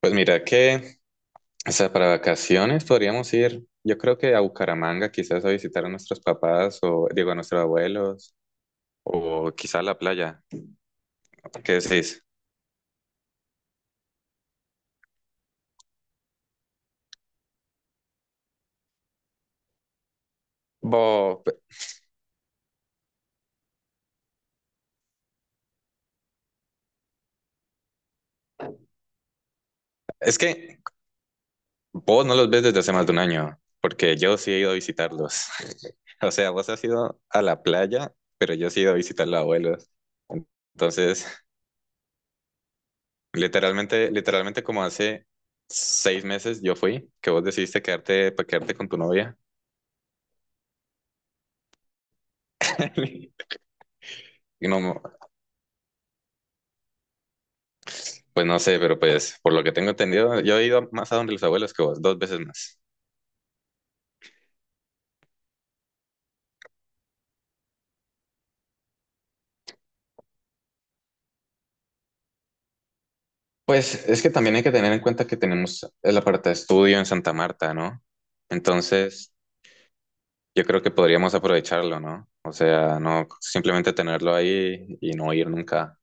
Pues mira que, o sea, para vacaciones podríamos ir, yo creo que a Bucaramanga, quizás a visitar a nuestros papás o, digo, a nuestros abuelos, o quizás a la playa. ¿Qué decís? Vos, es que vos no los ves desde hace más de un año, porque yo sí he ido a visitarlos. O sea, vos has ido a la playa, pero yo sí he ido a visitar a los abuelos. Entonces, literalmente como hace 6 meses yo fui, que vos decidiste quedarte, para quedarte con tu novia. Y no, pues no sé, pero pues por lo que tengo entendido, yo he ido más a donde los abuelos que vos, 2 veces más. Pues es que también hay que tener en cuenta que tenemos el aparta estudio en Santa Marta, ¿no? Entonces, yo creo que podríamos aprovecharlo, ¿no? O sea, no simplemente tenerlo ahí y no ir nunca.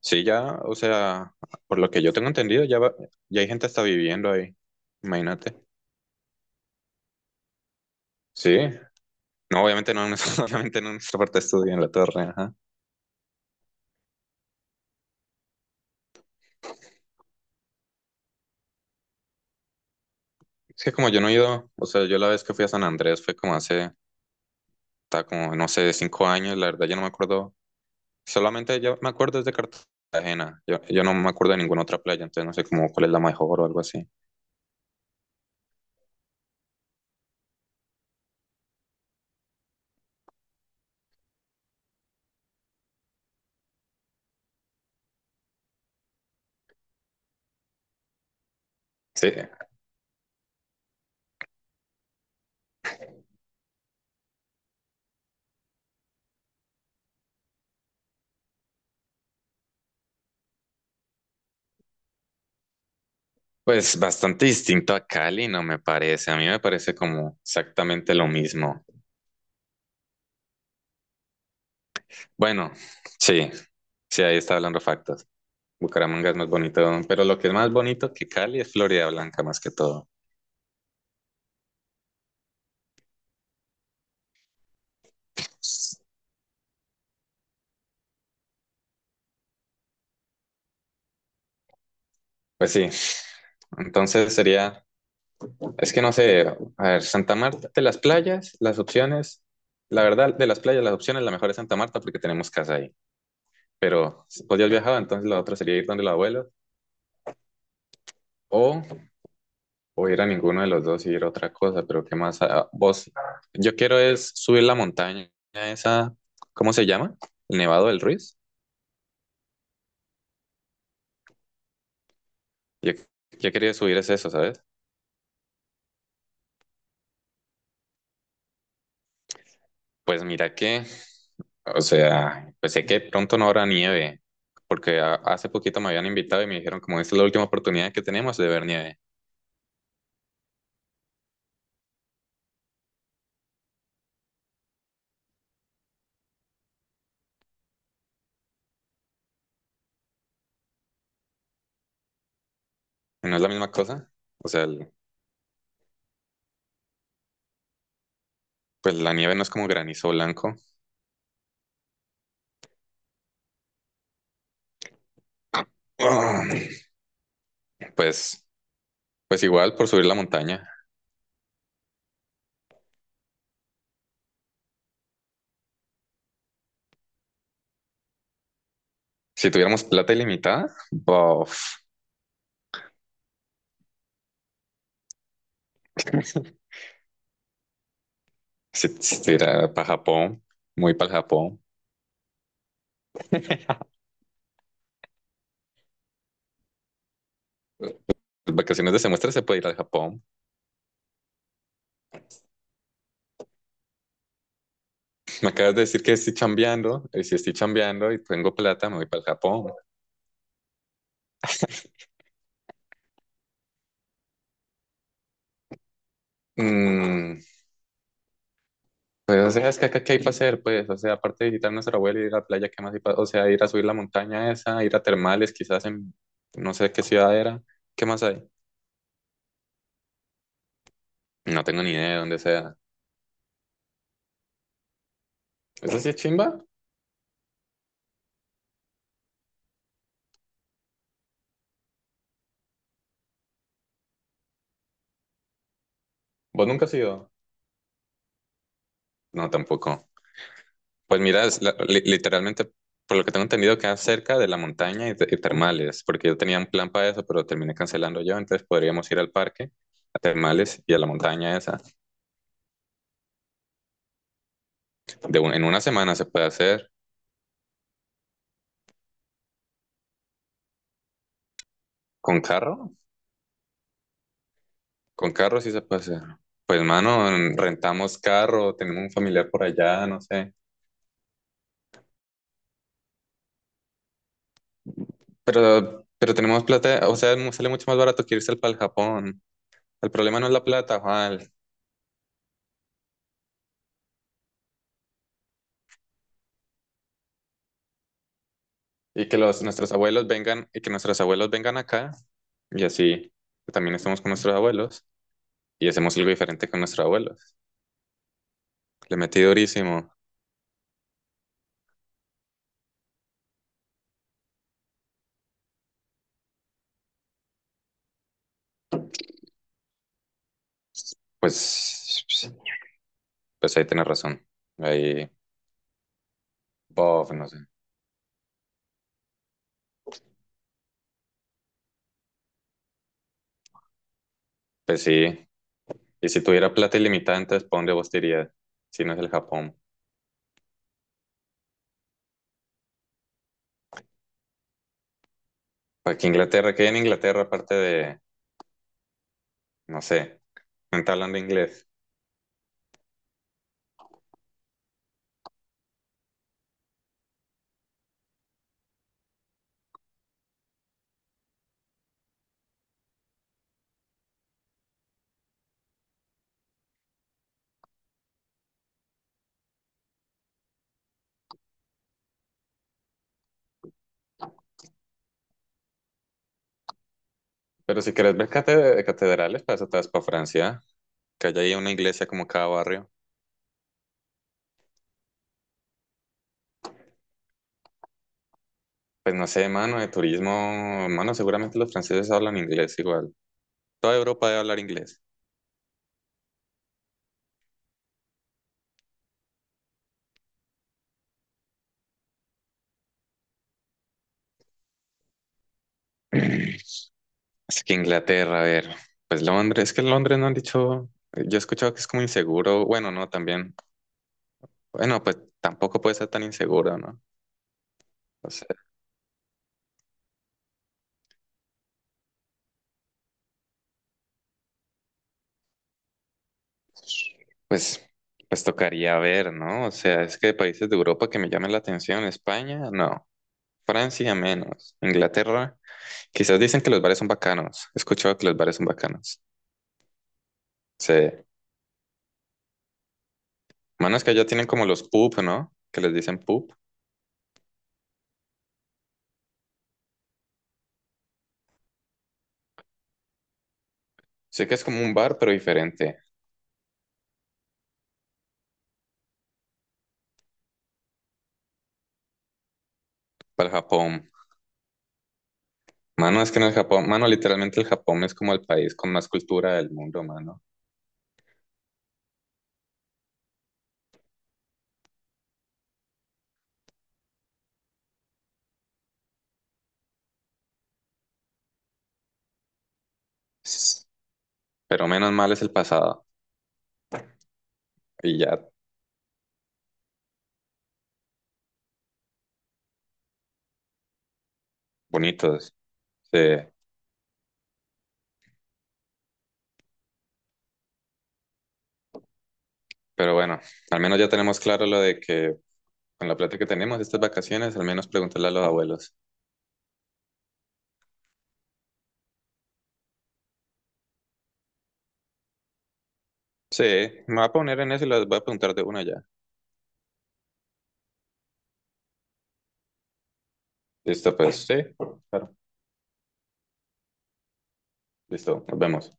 Sí, ya, o sea, por lo que yo tengo entendido, ya, ya hay gente está viviendo ahí. Imagínate. Sí, no, obviamente no, obviamente no en nuestra parte de estudio, en la torre, ajá. Es que como yo no he ido, o sea, yo la vez que fui a San Andrés fue como hace está como, no sé, de 5 años, la verdad yo no me acuerdo, solamente yo me acuerdo es de Cartagena, yo no me acuerdo de ninguna otra playa, entonces no sé cómo cuál es la mejor o algo así. Sí, pues bastante distinto a Cali, no me parece, a mí me parece como exactamente lo mismo. Bueno, sí, sí, ahí está hablando factos. Bucaramanga es más bonito, pero lo que es más bonito que Cali es Florida Blanca más que todo. Pues sí, entonces sería... Es que no sé, a ver, Santa Marta, de las playas, las opciones, la verdad, de las playas, las opciones, la mejor es Santa Marta porque tenemos casa ahí. Pero si podías viajar, entonces la otra sería ir donde los abuelos o, o ir a ninguno de los dos y ir a otra cosa. Pero ¿qué más? Ah, vos, yo quiero es subir la montaña, esa, ¿cómo se llama? El Nevado del Ruiz. Yo, yo quería subir es eso, ¿sabes? Pues mira que... O sea, pues sé que pronto no habrá nieve, porque hace poquito me habían invitado y me dijeron como esta es la última oportunidad que tenemos de ver nieve. ¿Y no es la misma cosa? O sea, pues la nieve no es como granizo blanco. Ah, Pues, pues igual por subir la montaña. Si tuviéramos plata ilimitada, bof. Si estuviera para Japón, muy para Japón. Las vacaciones de semestre se puede ir al Japón. Me acabas de decir que estoy chambeando, y si estoy chambeando y tengo plata, me voy para el Japón. Mm. Pues, o sea, es que acá, ¿qué hay para hacer? Pues, o sea, aparte de visitar a nuestra abuela y ir a la playa, ¿qué más hay para... O sea, ir a subir la montaña esa, ir a termales, quizás en no sé qué ciudad era. ¿Qué más hay? No tengo ni idea de dónde sea. ¿Eso sí es chimba? ¿Vos nunca has ido? No, tampoco. Pues mira, es literalmente, por lo que tengo entendido, queda cerca de la montaña y, y termales, porque yo tenía un plan para eso, pero terminé cancelando yo, entonces podríamos ir al parque, a termales y a la montaña esa. De en una semana se puede hacer. ¿Con carro? Con carro sí se puede hacer. Pues, mano, rentamos carro, tenemos un familiar por allá, no sé. Pero tenemos plata, o sea, sale mucho más barato que irse al pa'l Japón. El problema no es la plata, Juan. Y que los, nuestros abuelos vengan, y que nuestros abuelos vengan acá, y así que también estamos con nuestros abuelos, y hacemos algo diferente con nuestros abuelos. Le metí durísimo. Pues, pues ahí tienes razón. Ahí, bof, no sé. Pues sí. Y si tuviera plata ilimitada, entonces, ¿para dónde vos te irías? Si no es el Japón. ¿Para que Inglaterra? ¿Que hay en Inglaterra, aparte de, no sé, no te hablan de inglés? Pero si quieres ver catedrales, para eso te vas para Francia, que haya ahí una iglesia como cada barrio. Pues no sé, mano, de turismo, mano, seguramente los franceses hablan inglés igual. Toda Europa debe hablar inglés. Así que Inglaterra, a ver, pues Londres, es que Londres no han dicho, yo he escuchado que es como inseguro, bueno, no, también, bueno, pues tampoco puede ser tan inseguro, ¿no? O... Pues, pues tocaría ver, ¿no? O sea, es que de países de Europa que me llamen la atención, España, no. Francia, menos. Inglaterra, quizás dicen que los bares son bacanos. He escuchado que los bares son bacanos. Sí. Mano, es que allá tienen como los pub, ¿no? Que les dicen pub. Sé que es como un bar, pero diferente. Para el Japón. Mano, es que en el Japón, mano, literalmente el Japón es como el país con más cultura del mundo, mano. S- Pero menos mal es el pasado. Y ya, bonitos. Sí. Pero bueno. Al menos ya tenemos claro lo de que... Con la plata que tenemos estas vacaciones, al menos preguntarle a los abuelos. Sí, me voy a poner en eso y les voy a preguntar de una ya. Listo, pues, sí. Claro. Listo, nos vemos.